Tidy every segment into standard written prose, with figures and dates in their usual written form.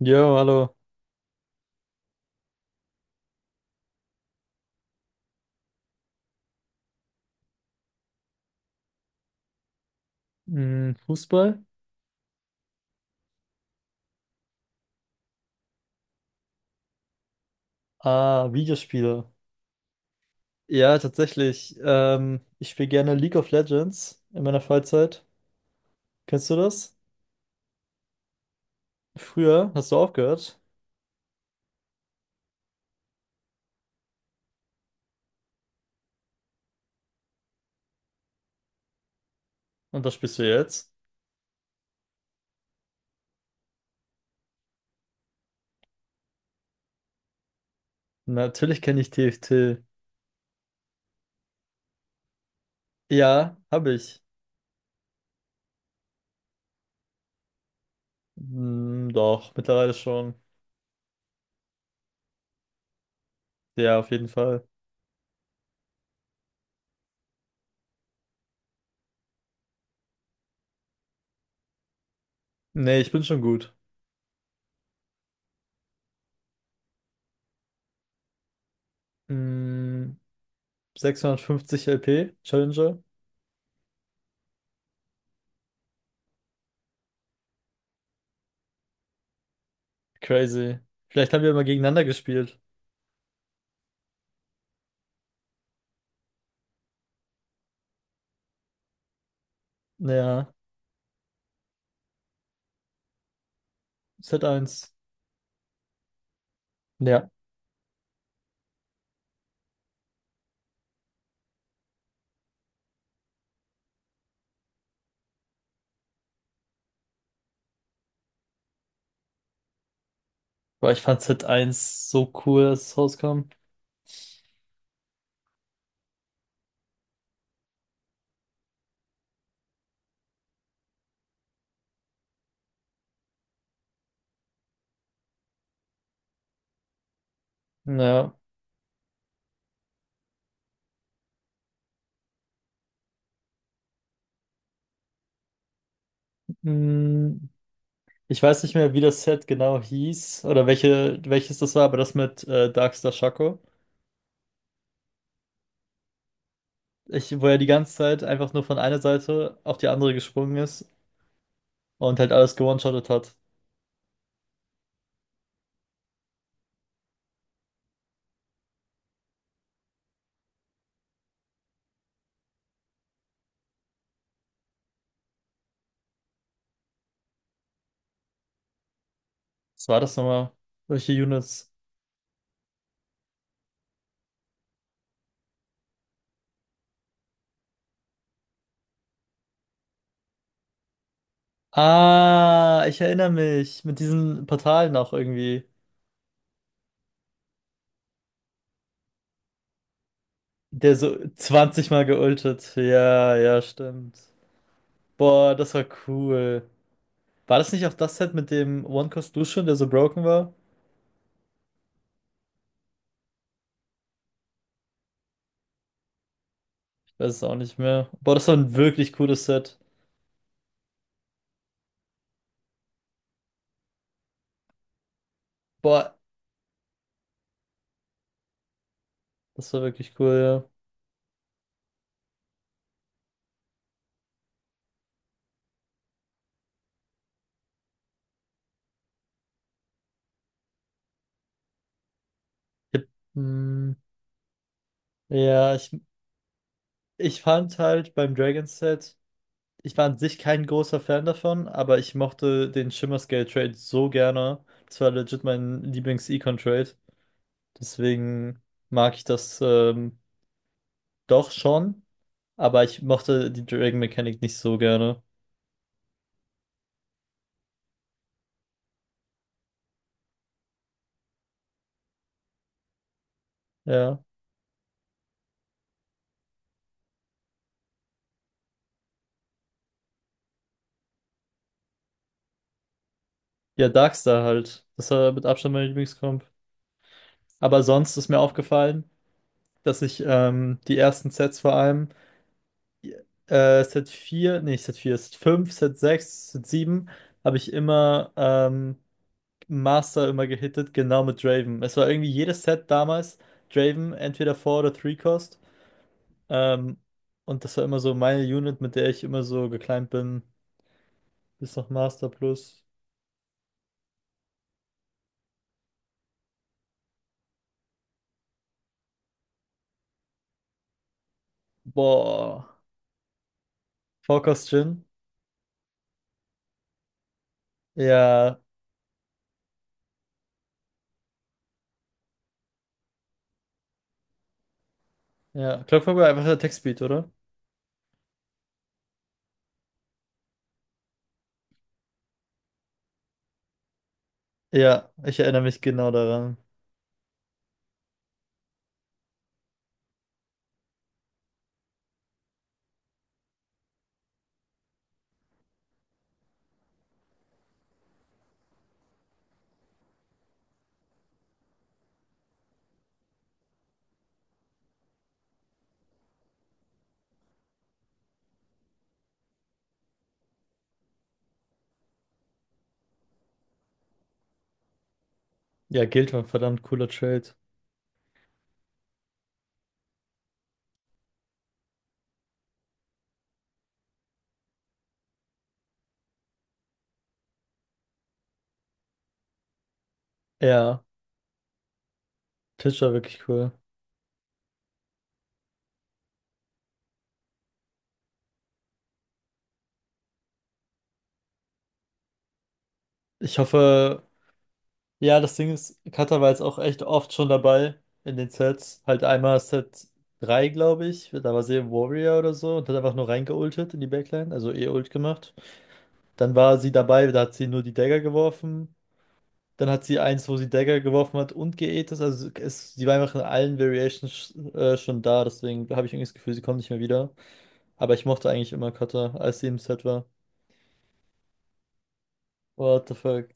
Jo, hallo. Hm, Fußball? Ah, Videospiele. Ja, tatsächlich. Ich spiele gerne League of Legends in meiner Freizeit. Kennst du das? Früher hast du aufgehört und das spielst du jetzt. Natürlich kenne ich TFT. Ja, habe ich. Hm, doch, mittlerweile schon. Ja, auf jeden Fall. Nee, ich bin schon gut. Hm, 650 LP, Challenger. Crazy. Vielleicht haben wir mal gegeneinander gespielt. Ja, z eins. Ja. Boah, ich fand Hit eins so cool, als es rauskam. Ja. Mm, Ich weiß nicht mehr, wie das Set genau hieß oder welche, welches das war, aber das mit Darkstar Shaco. Wo er die ganze Zeit einfach nur von einer Seite auf die andere gesprungen ist und halt alles gewone-shottet hat. Was war das nochmal? Welche Units? Ah, ich erinnere mich. Mit diesen Portalen auch irgendwie. Der so 20 Mal geultet. Ja, ja, stimmt. Boah, das war cool. War das nicht auch das Set mit dem One Cost Lucian, der so broken war? Ich weiß es auch nicht mehr. Boah, das war ein wirklich cooles Set. Boah, das war wirklich cool, ja. Ich, mm, ja, ich fand halt beim Dragon Set, ich war an sich kein großer Fan davon, aber ich mochte den Shimmer Scale Trade so gerne. Das war legit mein Lieblings-Econ Trade. Deswegen mag ich das doch schon, aber ich mochte die Dragon Mechanik nicht so gerne. Ja. Ja, Darkstar halt. Das war mit Abstand mein Lieblingscomp. Aber sonst ist mir aufgefallen, dass ich die ersten Sets vor allem, Set vier, nee, nicht Set vier, Set fünf, Set sechs, Set 7 habe ich immer Master immer gehittet, genau mit Draven. Es war irgendwie jedes Set damals Draven, entweder 4 oder 3 Cost. Ähm, und das war immer so meine Unit, mit der ich immer so geclimbed bin. Bis noch Master plus. Boah. 4 Cost Jhin. Ja. Ja, Clockwork war einfach der Textbeat, oder? Ja, ich erinnere mich genau daran. Ja, Guild war ein verdammt cooler Trade. Ja, Tisch war wirklich cool. Ich hoffe, ja, das Ding ist, Cutter war jetzt auch echt oft schon dabei in den Sets. Halt einmal Set 3, glaube ich. Da war sie im Warrior oder so und hat einfach nur reingeultet in die Backline, also E-Ult gemacht. Dann war sie dabei, da hat sie nur die Dagger geworfen. Dann hat sie eins, wo sie Dagger geworfen hat und geätet. Also sie war einfach in allen Variations schon da, deswegen habe ich irgendwie das Gefühl, sie kommt nicht mehr wieder. Aber ich mochte eigentlich immer Cutter, als sie im Set war. What the fuck?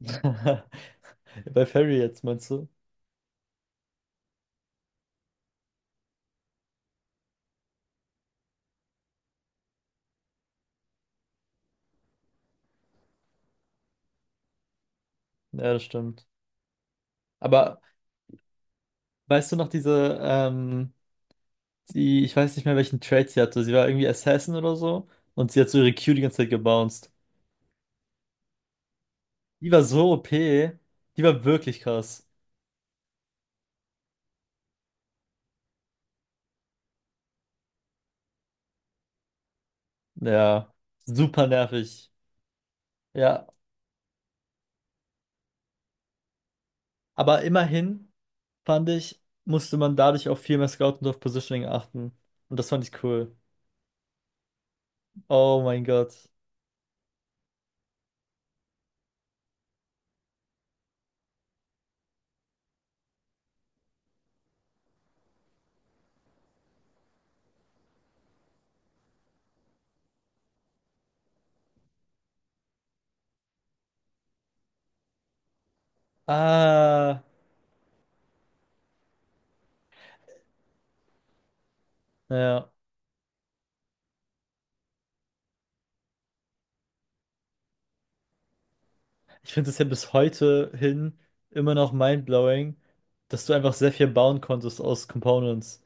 Bei Fairy jetzt, meinst du? Ja, das stimmt. Aber weißt du noch diese, die, ich weiß nicht mehr, welchen Trait sie hatte. Sie war irgendwie Assassin oder so. Und sie hat so ihre Q die ganze Zeit gebounced. Die war so OP. Die war wirklich krass. Ja, super nervig. Ja, aber immerhin fand ich, musste man dadurch auf viel mehr Scout und auf Positioning achten. Und das fand ich cool. Oh mein Gott. Ah, ja. Ich finde es ja bis heute hin immer noch mindblowing, dass du einfach sehr viel bauen konntest aus Components.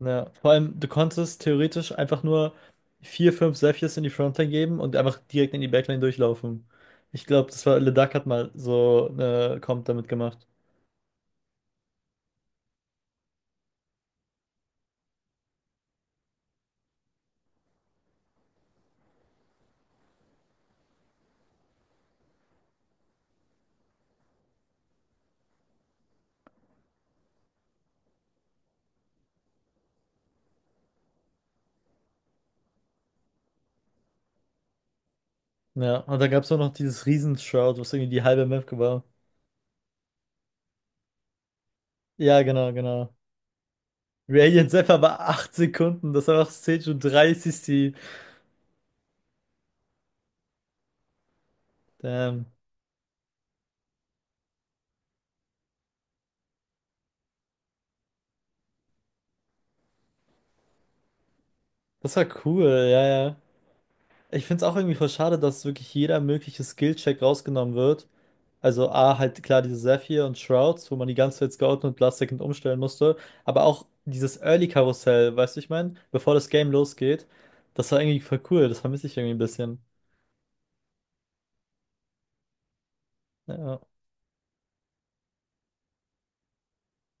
Ja, vor allem, du konntest theoretisch einfach nur vier, fünf Zephyrs in die Frontline geben und einfach direkt in die Backline durchlaufen. Ich glaube, das war, Le Duck hat mal so eine Comp damit gemacht. Ja, und dann gab es auch noch dieses Riesen-Shroud, was irgendwie die halbe Map war. Ja, genau, genau. Radiant Zephyr war 8 Sekunden, das war auch Stage und 30 die. Damn. Das war cool, ja, ja. Ich finde es auch irgendwie voll schade, dass wirklich jeder mögliche Skill-Check rausgenommen wird. Also A, halt klar diese Zephyr und Shrouds, wo man die ganze Zeit scouten und Last Second umstellen musste. Aber auch dieses Early-Karussell, weißt du, ich meine, bevor das Game losgeht. Das war irgendwie voll cool, das vermisse ich irgendwie ein bisschen. Ja.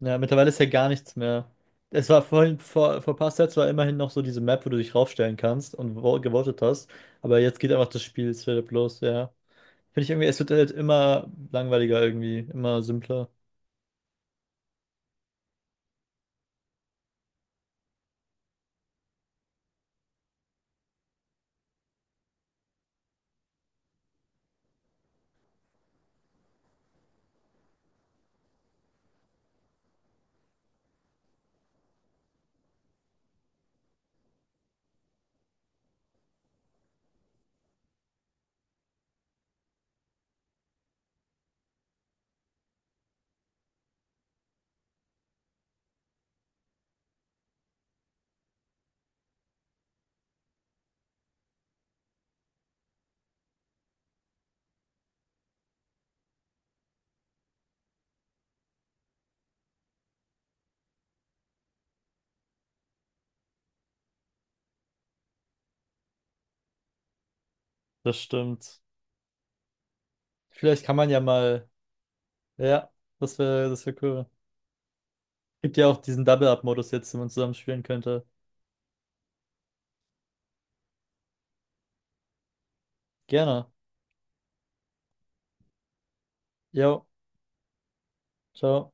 Ja, mittlerweile ist ja gar nichts mehr. Es war vorhin, vor ein paar Sets war immerhin noch so diese Map, wo du dich raufstellen kannst und wo- gewotet hast. Aber jetzt geht einfach das Spiel straight up los, ja. Finde ich irgendwie, es wird halt immer langweiliger irgendwie, immer simpler. Das stimmt. Vielleicht kann man ja mal, ja, das wäre cool. Gibt ja auch diesen Double-Up-Modus jetzt, den man zusammen spielen könnte. Gerne. Jo, ciao.